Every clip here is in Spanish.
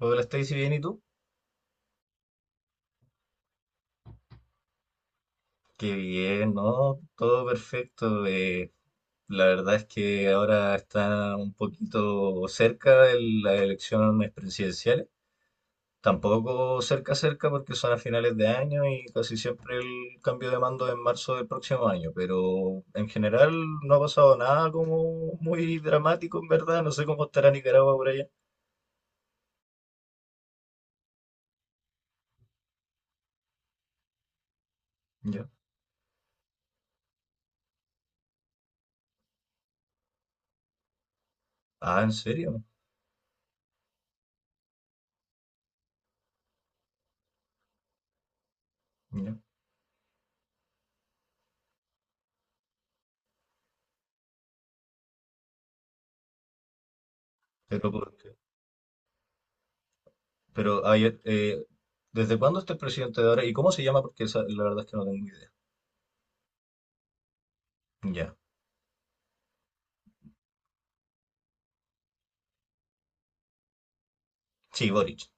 Hola Stacy, bien, ¿y tú? Qué bien, ¿no? Todo perfecto. La verdad es que ahora está un poquito cerca de las elecciones presidenciales. Tampoco cerca, cerca, porque son a finales de año y casi siempre el cambio de mando es en marzo del próximo año. Pero en general no ha pasado nada como muy dramático, en verdad. No sé cómo estará Nicaragua por allá. Ya. Ah, ¿en serio? Ya. Pero ¿por qué? Pero, ay, ¿desde cuándo está el presidente de ahora? ¿Y cómo se llama? Porque la verdad es que no tengo idea. Ya. Sí, Boric.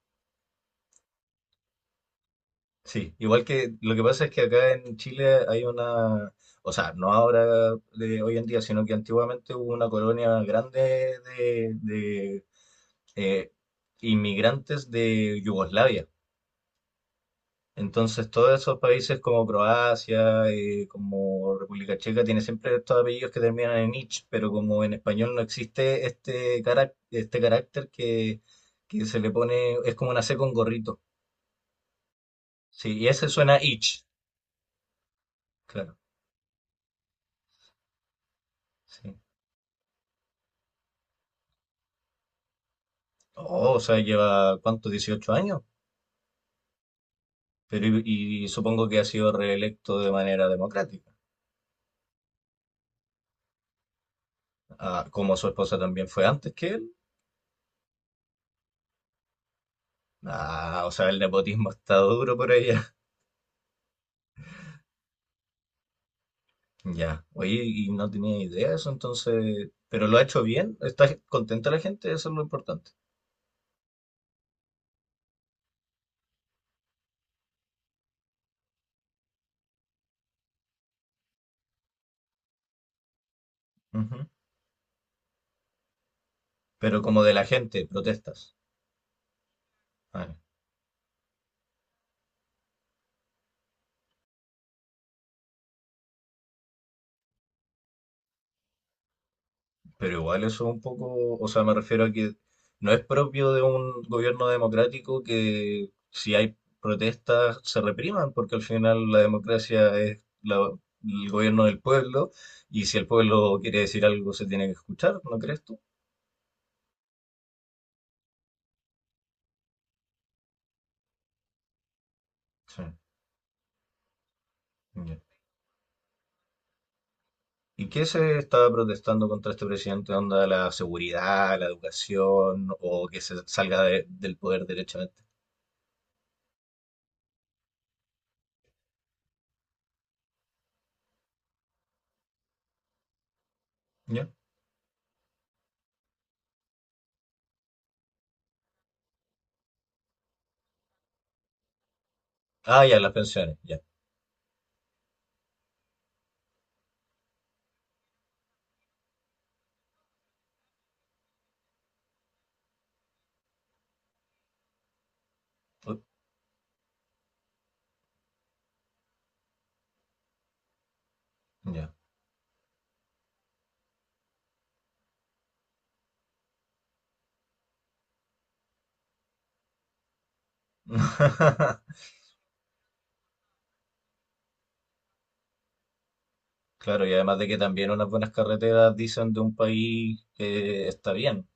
Sí, igual que lo que pasa es que acá en Chile hay una, o sea, no ahora de hoy en día, sino que antiguamente hubo una colonia grande de, eh, inmigrantes de Yugoslavia. Entonces, todos esos países como Croacia, como República Checa, tienen siempre estos apellidos que terminan en ich, pero como en español no existe este, este carácter que se le pone, es como una C con gorrito. Sí, y ese suena ich, claro. Sí. Oh, o sea, lleva, ¿cuánto? 18 años. Pero y supongo que ha sido reelecto de manera democrática. Ah, como su esposa también fue antes que él. Ah, o sea, el nepotismo está duro por ahí. Ya, oye, y no tenía idea de eso, entonces, pero lo ha hecho bien, está contenta la gente, eso es lo importante. Ujú. Pero como de la gente, protestas. Vale. Pero igual eso es un poco, o sea, me refiero a que no es propio de un gobierno democrático que si hay protestas se repriman, porque al final la democracia es el gobierno del pueblo y si el pueblo quiere decir algo se tiene que escuchar, ¿no crees tú? Sí, ya. ¿Y qué se estaba protestando contra este presidente? ¿Onda la seguridad, la educación o que se salga del poder derechamente? ¿Ya? Ah, ya, las pensiones, ya. Uy, ya. Claro, y además de que también unas buenas carreteras dicen de un país que está bien.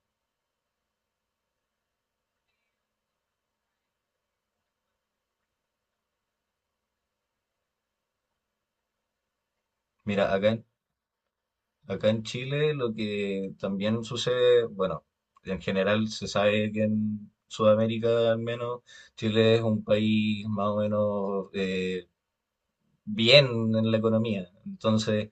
Mira, acá en Chile lo que también sucede, bueno, en general se sabe que en Sudamérica al menos Chile es un país más o menos, bien en la economía. Entonces,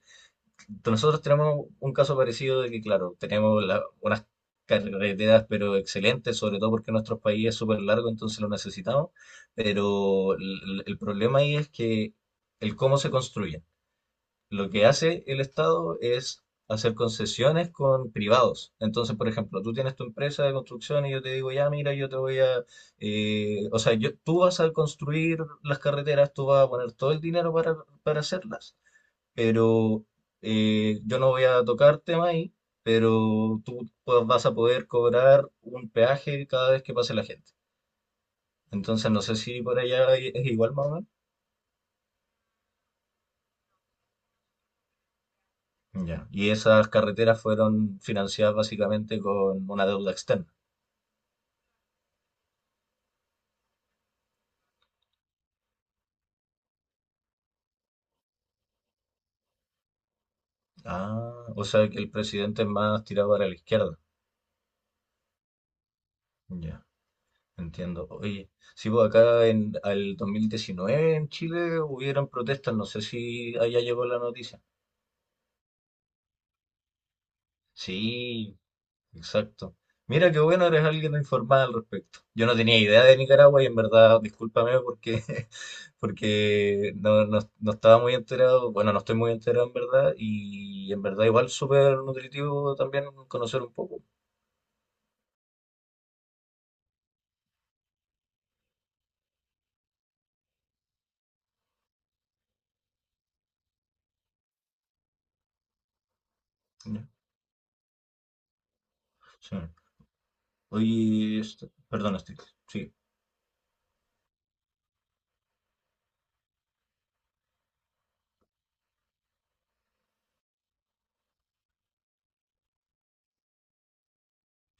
nosotros tenemos un caso parecido de que, claro, tenemos unas carreteras, pero excelentes, sobre todo porque nuestro país es súper largo, entonces lo necesitamos, pero el problema ahí es que el cómo se construyen. Lo que hace el Estado es hacer concesiones con privados. Entonces, por ejemplo, tú tienes tu empresa de construcción y yo te digo, ya, mira, yo te voy a, o sea, yo, tú vas a construir las carreteras, tú vas a poner todo el dinero para hacerlas, pero yo no voy a tocar tema ahí, pero tú pues, vas a poder cobrar un peaje cada vez que pase la gente. Entonces, no sé si por allá es igual, más o menos. Ya. Y esas carreteras fueron financiadas básicamente con una deuda externa. Ah, o sea que el presidente es más tirado para la izquierda. Ya, entiendo. Oye, si pues acá en el 2019 en Chile hubieron protestas, no sé si allá llegó la noticia. Sí, exacto. Mira qué bueno, eres alguien informado al respecto. Yo no tenía idea de Nicaragua y en verdad, discúlpame porque, porque no estaba muy enterado, bueno, no estoy muy enterado en verdad y en verdad igual súper nutritivo también conocer un poco. Ya, sí. Oye, perdón, Steve. Sí,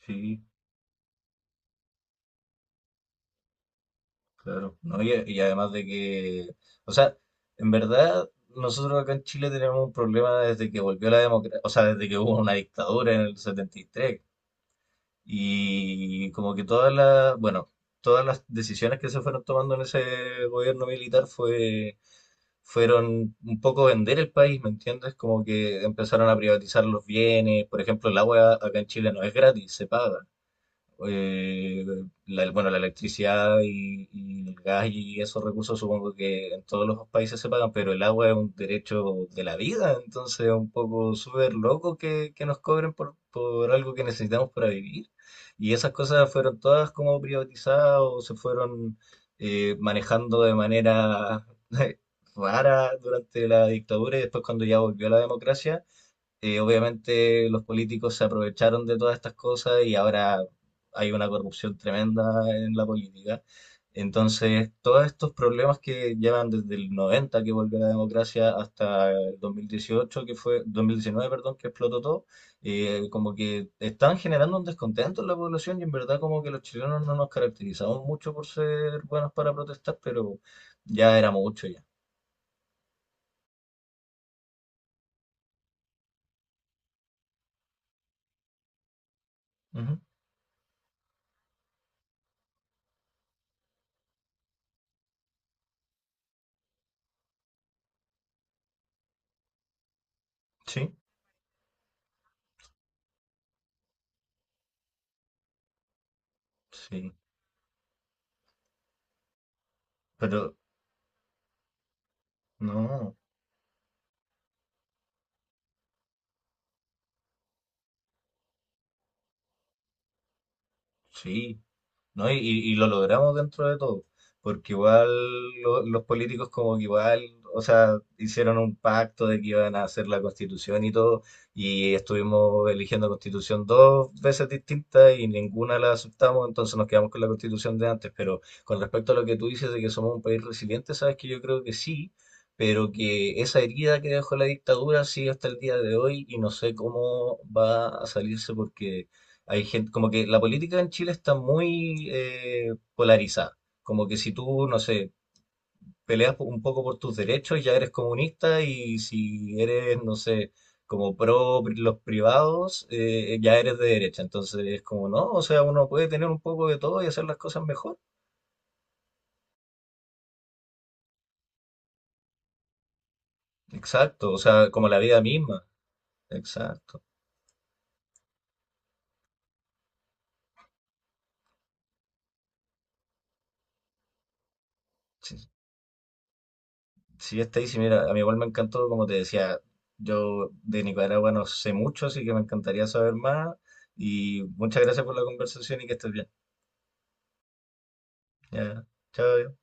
sí, claro. No, y además de que, o sea, en verdad, nosotros acá en Chile tenemos un problema desde que volvió la democracia, o sea, desde que hubo una dictadura en el 73, y como que todas las, bueno, todas las decisiones que se fueron tomando en ese gobierno militar fue, fueron un poco vender el país, ¿me entiendes? Como que empezaron a privatizar los bienes, por ejemplo, el agua acá en Chile no es gratis, se paga eh, bueno, la electricidad y el gas y esos recursos supongo que en todos los países se pagan, pero el agua es un derecho de la vida, entonces es un poco súper loco que nos cobren por algo que necesitamos para vivir. Y esas cosas fueron todas como privatizadas o se fueron manejando de manera rara durante la dictadura y después cuando ya volvió la democracia obviamente los políticos se aprovecharon de todas estas cosas y ahora hay una corrupción tremenda en la política. Entonces, todos estos problemas que llevan desde el 90 que volvió la democracia hasta el 2019 perdón, que explotó todo, como que están generando un descontento en la población y en verdad como que los chilenos no nos caracterizamos mucho por ser buenos para protestar, pero ya era mucho ya. Ujú, sí, sí, pero no, sí. ¿No? Y lo logramos dentro de todo, porque igual los políticos como que igual, o sea, hicieron un pacto de que iban a hacer la constitución y todo, y estuvimos eligiendo constitución dos veces distintas y ninguna la aceptamos, entonces nos quedamos con la constitución de antes, pero con respecto a lo que tú dices de que somos un país resiliente, sabes que yo creo que sí. Pero que esa herida que dejó la dictadura sigue hasta el día de hoy y no sé cómo va a salirse porque hay gente, como que la política en Chile está muy polarizada. Como que si tú, no sé, un poco por tus derechos, ya eres comunista y si eres, no sé, como los privados, ya eres de derecha. Entonces es como, no, o sea, uno puede tener un poco de todo y hacer las cosas mejor. Exacto, o sea, como la vida misma. Exacto. Sí. Sí, está ahí. Sí, mira, a mí igual me encantó, como te decía, yo de Nicaragua no sé mucho, así que me encantaría saber más. Y muchas gracias por la conversación y que estés bien. Ya, chao.